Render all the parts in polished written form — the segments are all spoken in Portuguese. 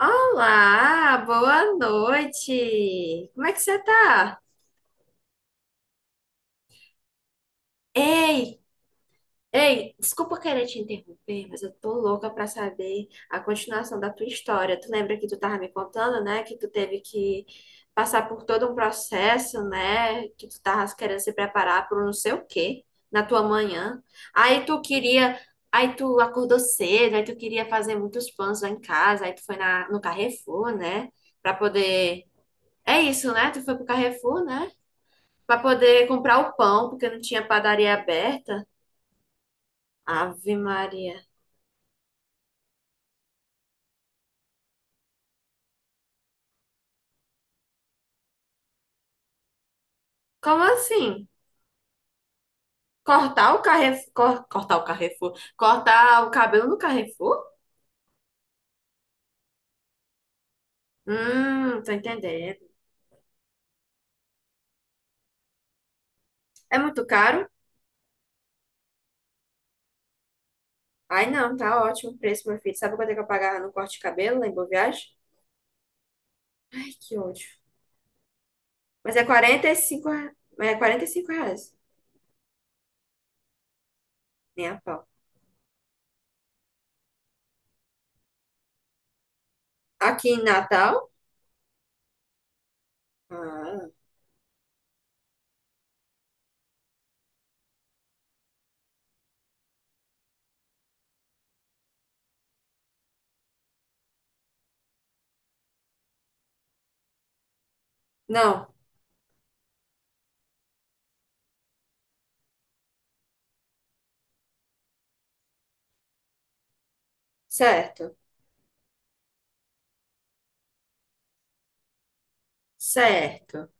Olá, boa noite. Como é que você tá? Ei, ei, desculpa querer te interromper, mas eu tô louca pra saber a continuação da tua história. Tu lembra que tu tava me contando, né, que tu teve que passar por todo um processo, né, que tu tava querendo se preparar para não sei o quê na tua manhã. Aí tu queria, aí tu acordou cedo, aí tu queria fazer muitos pães lá em casa, aí tu foi no Carrefour, né, pra poder... É isso, né? Tu foi pro Carrefour, né? Pra poder comprar o pão, porque não tinha padaria aberta. Ave Maria. Como assim? Cortar o cabelo no Carrefour? Tô entendendo. É muito caro? Ai, não, tá ótimo o preço, meu filho. Sabe quanto é que eu pagava no corte de cabelo lá em Boa Viagem? Ai, que ódio. Mas é quarenta e cinco, é 45 reais. Nem a pau. Aqui em Natal? Ah, não, certo, certo.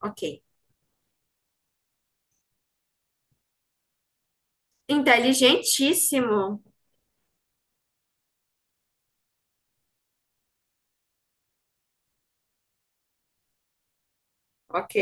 Ok. Inteligentíssimo. Ok.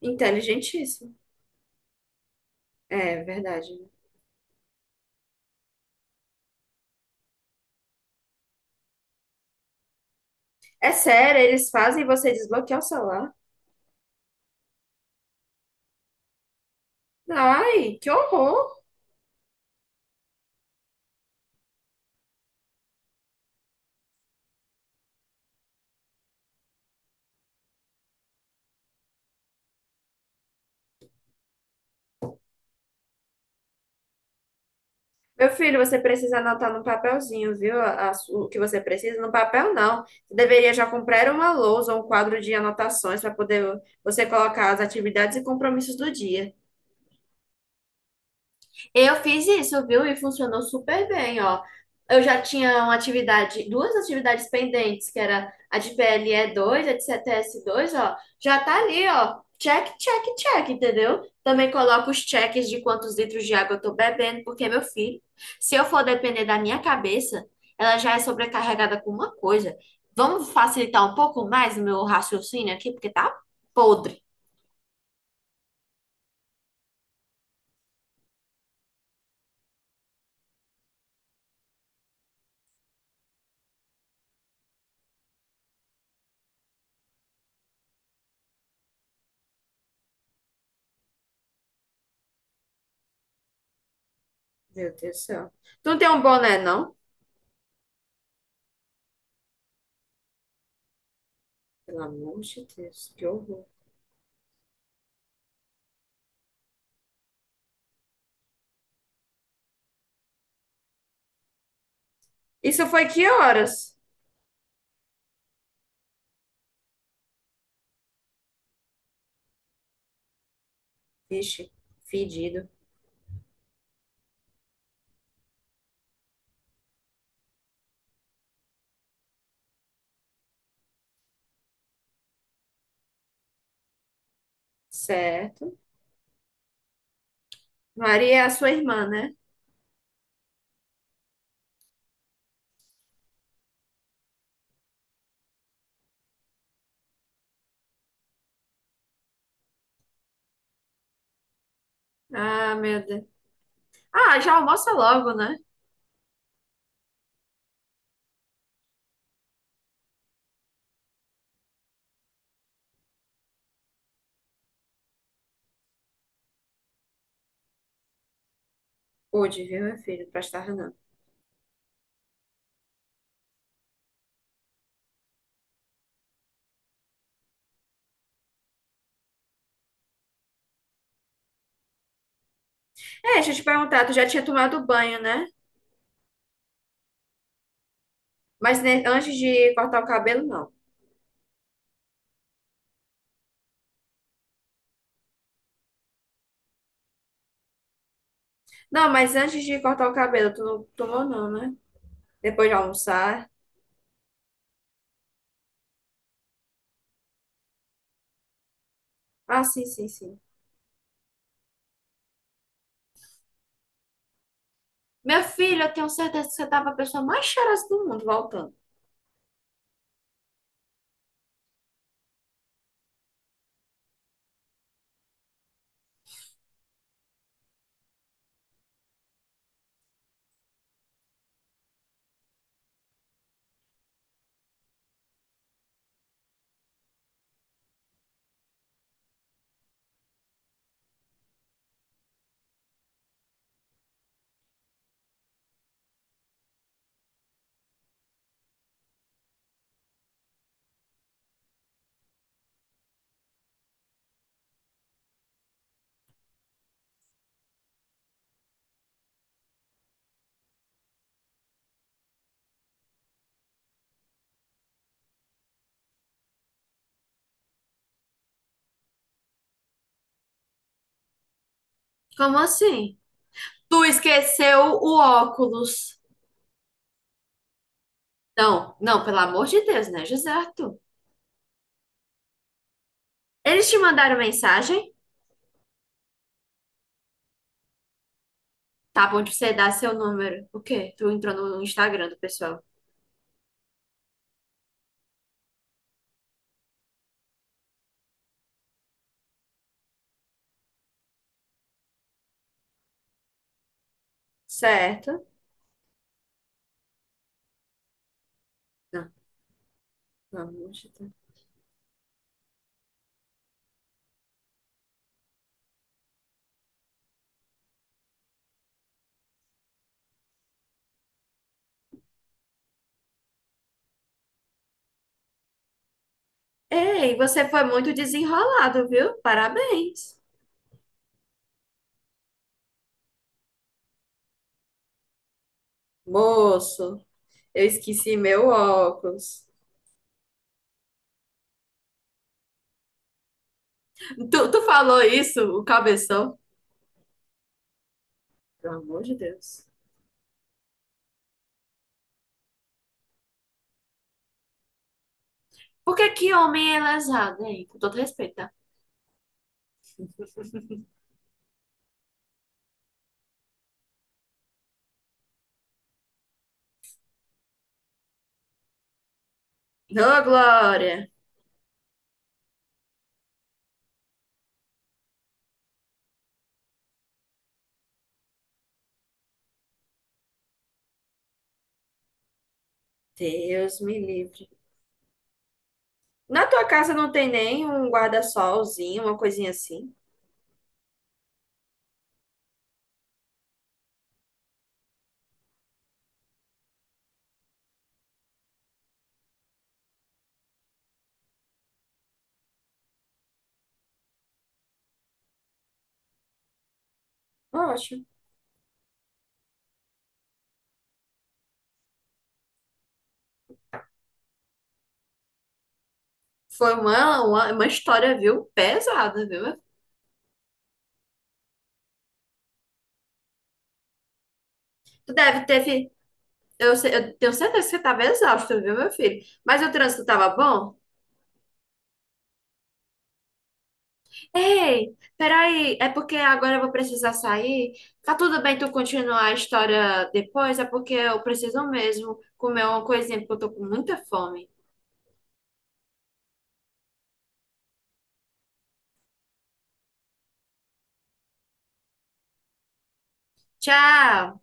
Inteligentíssimo. É verdade, né? É sério, eles fazem você desbloquear o celular? Ai, que horror! Meu filho, você precisa anotar no papelzinho, viu? A O que você precisa no papel, não. Você deveria já comprar uma lousa ou um quadro de anotações para poder você colocar as atividades e compromissos do dia. Eu fiz isso, viu? E funcionou super bem, ó. Eu já tinha uma atividade, duas atividades pendentes, que era a de ple dois, a de cts dois, ó. Já tá ali, ó. Check, check, check, entendeu? Também coloco os cheques de quantos litros de água eu tô bebendo, porque, meu filho, se eu for depender da minha cabeça, ela já é sobrecarregada com uma coisa. Vamos facilitar um pouco mais o meu raciocínio aqui, porque tá podre. Meu Deus do céu. Tu não tem um boné, não? Pelo amor de Deus, que horror. Isso foi que horas? Vixe, fedido. Certo. Maria é a sua irmã, né? Ah, meu Deus. Ah, já almoça logo, né? Pude, viu, meu filho? Presta não. É, deixa eu te perguntar, tu já tinha tomado banho, né? Mas antes de cortar o cabelo, não. Não, mas antes de cortar o cabelo, tu não tomou, não, né? Depois de almoçar. Ah, sim, sim, sim. Meu filho, eu tenho certeza que você tava a pessoa mais cheirosa do mundo voltando. Como assim? Tu esqueceu o óculos. Não, não, pelo amor de Deus, né, José. Eles te mandaram mensagem? Tá bom de você dar seu número. O quê? Tu entrou no Instagram do pessoal. Certo. Não, pelo amor de Deus. Ei, você foi muito desenrolado, viu? Parabéns. Moço, eu esqueci meu óculos. Tu, tu falou isso, o cabeção? Pelo amor de Deus. Por que que homem é lesado, hein? Com todo respeito, tá? Ô, Glória. Deus me livre. Na tua casa não tem nem um guarda-solzinho, uma coisinha assim? Ótimo. Foi uma história, viu? Pesada, viu? Meu? Tu deve ter. Fi- Eu, se- eu tenho certeza que você tava exausto, viu, meu filho? Mas o trânsito tava bom? Ei, peraí, é porque agora eu vou precisar sair? Tá tudo bem tu continuar a história depois? É porque eu preciso mesmo comer uma coisinha, porque eu tô com muita fome. Tchau!